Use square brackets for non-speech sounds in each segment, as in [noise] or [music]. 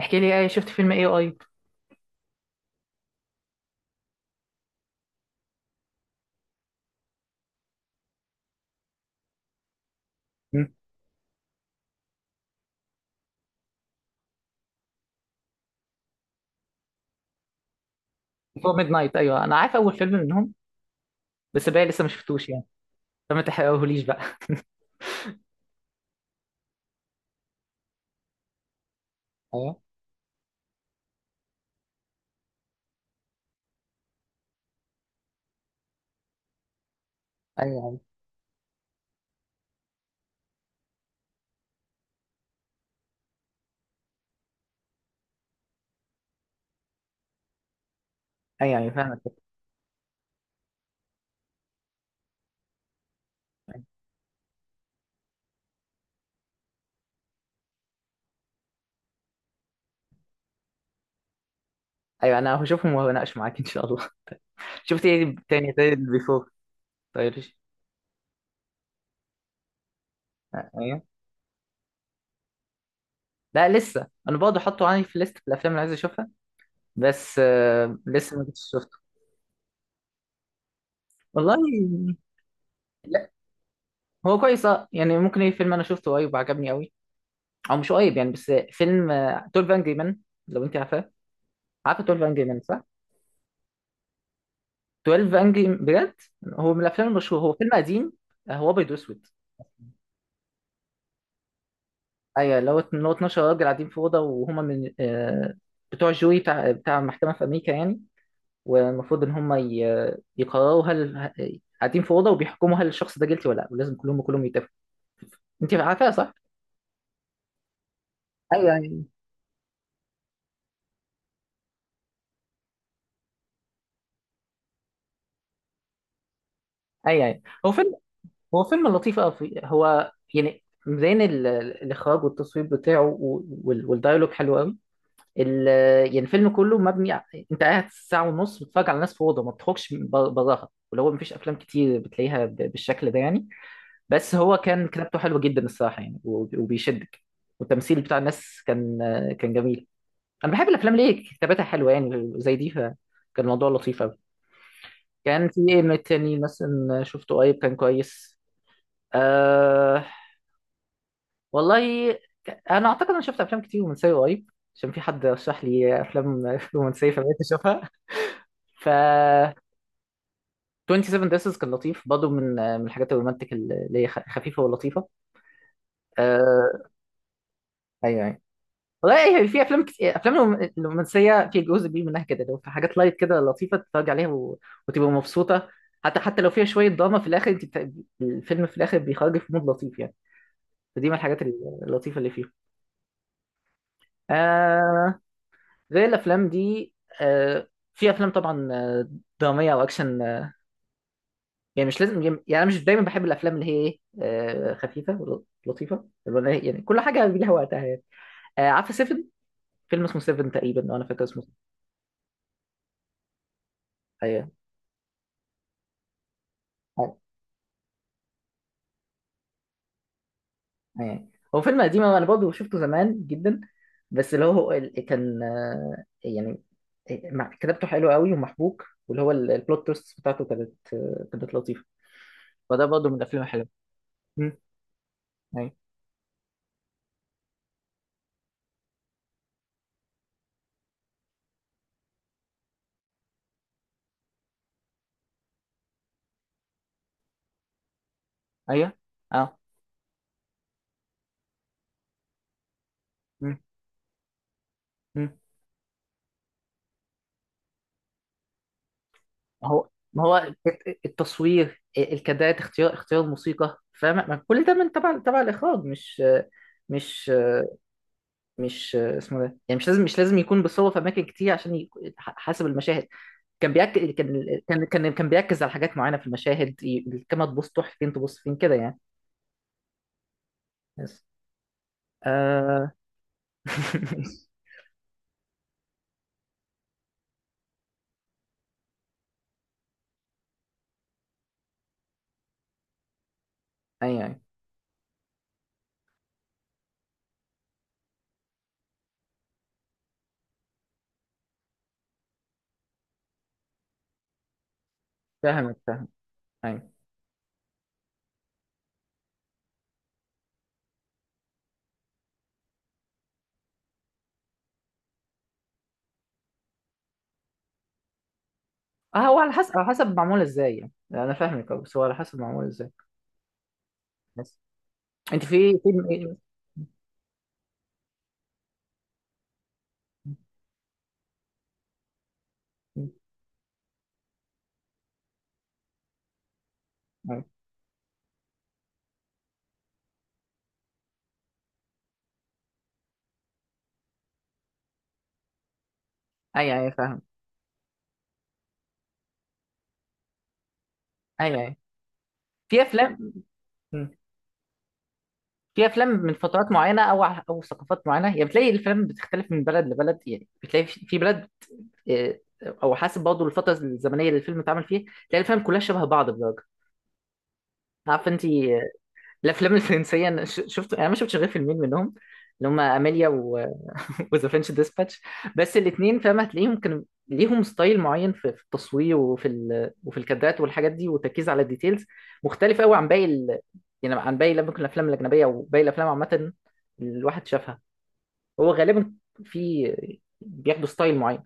احكي لي ايه شفت فيلم ايه اي. مم. فور ميد نايت، ايوه انا عارف اول فيلم منهم، بس باقي لسه ما شفتوش يعني. فما تحرقهوليش بقى. [laughs] ايوه ايوه ايوه، يعني فاهمك. ايوه انا هشوفهم وهناقش معاك ان شاء الله. [laughs] شفت ايه تاني زي البيفور طيرش؟ ايوه. لا لسه، انا برضه حاطه عندي في ليست الافلام اللي عايز اشوفها، بس لسه ما كنتش شفته. والله لا، هو كويس اه يعني. ممكن ايه، فيلم انا شفته قريب وعجبني قوي، او مش قريب يعني بس فيلم، 12 انجري مان، لو انت عارفاه. عارفه 12 انجري مان صح؟ 12 انجري، بجد هو من الافلام المشهوره، هو فيلم قديم. هو ابيض واسود. ايوه، اللي هو اللي هو 12 راجل قاعدين في اوضه، وهما من بتوع الجوري بتاع بتاع محكمه في امريكا يعني. والمفروض ان هما يقرروا هل قاعدين في اوضه وبيحكموا هل الشخص ده جيلتي ولا لا، ولازم كلهم يتفقوا. انت عارفها صح؟ ايوه ايوه ايوه أيوة. هو فيلم، هو فيلم لطيف قوي. هو يعني مبين الاخراج والتصوير بتاعه والدايلوج حلو قوي. ال... يعني الفيلم كله انت قاعد ساعة ونص بتتفرج على ناس في أوضة ما بتخرجش براها، ولو هو مفيش أفلام كتير بتلاقيها ب... بالشكل ده يعني. بس هو كان كتابته حلوة جدا الصراحة يعني، وبيشدك. والتمثيل بتاع الناس كان كان جميل. أنا بحب الأفلام ليه كتابتها حلوة يعني زي دي، فكان الموضوع لطيف أوي. كان في إيه من التاني مثلا شفته قريب كان كويس. أه... والله. أنا أعتقد أنا شفت أفلام كتير رومانسية قريب، عشان في حد رشح لي أفلام [laughs] رومانسية، فبقيت أشوفها. ف 27 ديسز كان لطيف برضه، من من الحاجات الرومانتك اللي هي خفيفه ولطيفه. آه، ايوه ايوه. والله هي في افلام كتير، افلام الرومانسيه في جزء كبير منها كده، لو في حاجات لايت كده لطيفه تتفرج عليها و... وتبقى مبسوطه. حتى لو فيها شويه دراما في الاخر، انت بت... الفيلم في الاخر بيخرج في مود لطيف يعني. فدي من الحاجات اللطيفه اللي فيه. آه. غير الافلام دي، آه، في افلام طبعا، دراميه او اكشن. يعني مش لازم يعني، انا مش دايما بحب الافلام اللي هي ايه، خفيفه ولطيفه، اللي هو يعني كل حاجه ليها وقتها يعني. عارفه سيفن؟ فيلم اسمه سيفن تقريبا لو انا فاكر اسمه. ايوه أيوة. أيوة. هو فيلم قديم انا برضه شفته زمان جدا، بس اللي هو كان يعني، كتابته حلوه قوي ومحبوك، واللي هو البلوت تويست بتاعته كانت كانت لطيفه. فده برضه من الافلام الحلوه. مم. ايوه ايوه اه. مم. مم. ما هو التصوير، الكادرات، اختيار اختيار الموسيقى، فاهم؟ ما كل ده من تبع تبع الاخراج؟ مش مش اسمه ده يعني. مش لازم يكون بيصور في اماكن كتير حسب المشاهد. كان بيأكد، كان بيركز على حاجات معينه في المشاهد، الكاميرا تبص تروح فين، تبص فين كده يعني. بس آه... [laughs] ايوه ايوه، فاهمك فاهم. ايوه اه. هو على حسب، على حسب معمول ازاي يعني، انا فاهمك. بس هو على حسب معمول ازاي. بس انت في فيلم ايه؟ ايوه ايوه فاهم. ايوه ايوه. في افلام، م. في افلام من فترات معينه او ثقافات معينه يعني. بتلاقي الافلام بتختلف من بلد لبلد يعني. بتلاقي في في بلد، آه، او حسب برضه الفتره الزمنيه اللي الفيلم اتعمل فيها، تلاقي الافلام كلها شبه بعض بدرجه، عارف انت. الافلام الفرنسيه أنا شفت، انا ما شفتش غير فيلمين منهم، اللي هم اميليا و... [laughs] وذا فرنش ديسباتش. بس الاثنين، فاهم، هتلاقيهم كانوا ليهم ستايل معين في في التصوير، وفي وفي الكادرات والحاجات دي، والتركيز على الديتيلز، مختلف قوي عن باقي يعني عن باقي ممكن الافلام الاجنبيه، او باقي الافلام عامه، الواحد شافها. هو غالبا في بياخدوا ستايل معين،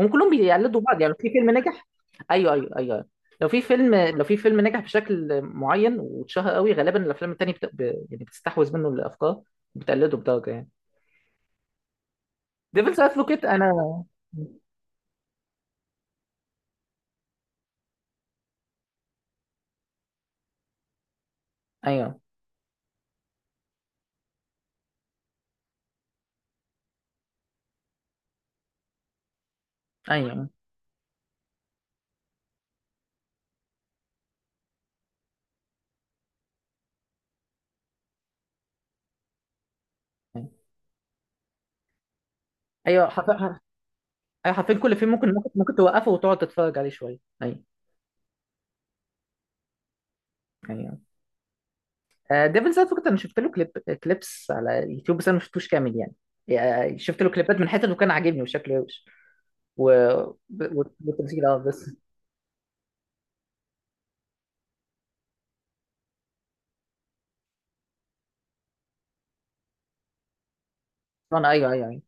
هم كلهم بيقلدوا بعض يعني. لو في فيلم نجح، ايوه ايوه ايوه. لو في فيلم نجح بشكل معين واتشهر قوي، غالبا الافلام التانيه بت... ب... يعني بتستحوذ منه الافكار، بتقلده بدرجه يعني. ديفلز ادفوكيت انا، ايوه ايوه ايوه. ايوه حرفيا. ايوه حرفيا كل فيلم، ممكن ممكن توقفه وتقعد تتفرج عليه شويه، ايوه. ايوه. آه، ديفل زاد فكرة انا شفت له كليب، كليبس على يوتيوب، بس انا ما شفتوش كامل يعني. شفت له كليبات من حتت، وكان عاجبني وشكله روش و... و... والتمثيل اه. بس انا ايوه ايوه ايوه،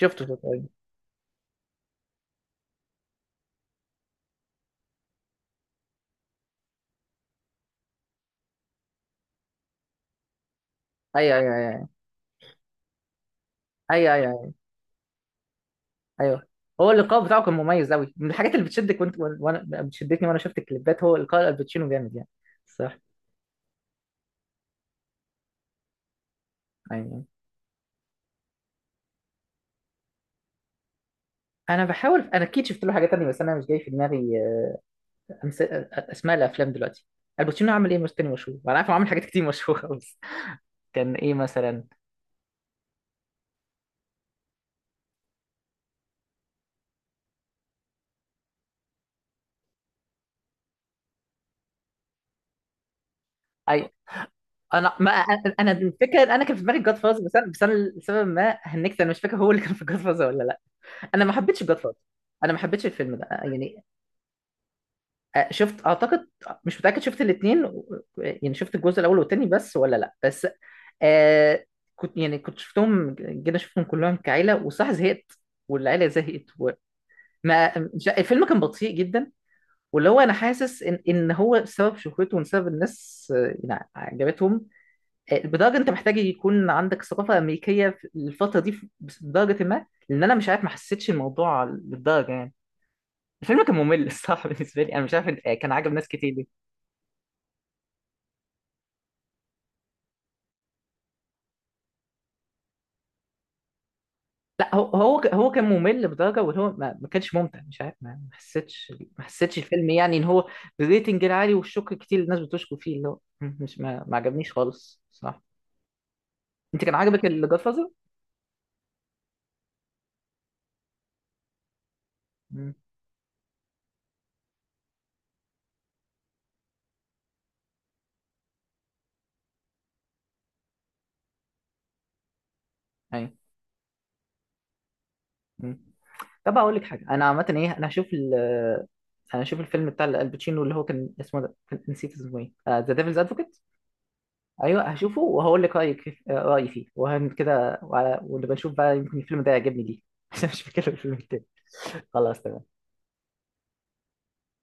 شفته شفته ايوه. ايوه ايوه ايوه ايوه ايوه ايوه أيوه. أيوه. هو اللقاء بتاعه كان مميز قوي، من الحاجات اللي بتشدك، وانت وانا بتشدتني وانا شفت الكليبات. هو لقاء الباتشينو جامد يعني. صح. ايوه انا بحاول، انا اكيد شفت له حاجه تانية بس انا مش جاي في دماغي اسماء الافلام دلوقتي. الباتشينو عمل ايه مش تاني مشهور؟ وانا عارف إنه عمل حاجات كتير مشهوره خالص. كان ايه مثلا؟ اي، انا ما انا أنا الفكره إن انا كان في دماغي جاد فاز، بس انا لسبب ما هنكت انا مش فاكر هو اللي كان في جاد فاز ولا لا. انا ما حبيتش جاد فاز، انا ما حبيتش الفيلم ده يعني. شفت اعتقد، مش متاكد، شفت الاثنين يعني، شفت الجزء الاول والثاني بس ولا لا. بس آه، كنت يعني كنت شفتهم جينا، شفتهم كلهم كعيله، وصح زهقت والعيله زهقت، وما مش- الفيلم كان بطيء جدا، واللي هو انا حاسس ان ان هو سبب شهرته وسبب الناس يعني عجبتهم، بدرجه انت محتاج يكون عندك ثقافه امريكيه في الفتره دي بدرجه ما، لان انا مش عارف ما حسيتش الموضوع للدرجه يعني. الفيلم كان ممل الصراحه [laughs] بالنسبه لي، انا مش عارف كان عاجب ناس كتير ليه. لا، هو كان ممل بدرجه، واللي هو ما كانش ممتع. مش عارف، ما حسيتش الفيلم يعني ان هو بالريتنج العالي والشكر كتير اللي الناس بتشكر فيه. اللي هو مش ما عجبنيش خالص، صح. انت كان عجبك الجاد فازر؟ ايوه. مم. طب اقول لك حاجه، انا عامه ايه، انا هشوف الفيلم بتاع الباتشينو اللي هو كان اسمه ده، كان نسيت اسمه ايه، ذا ديفلز ادفوكيت. ايوه هشوفه وهقول لك رايك رايي فيه وهن كده، ونبقى نشوف بقى، يمكن الفيلم ده يعجبني ليه [laughs] عشان مش فاكر الفيلم التاني. خلاص تمام.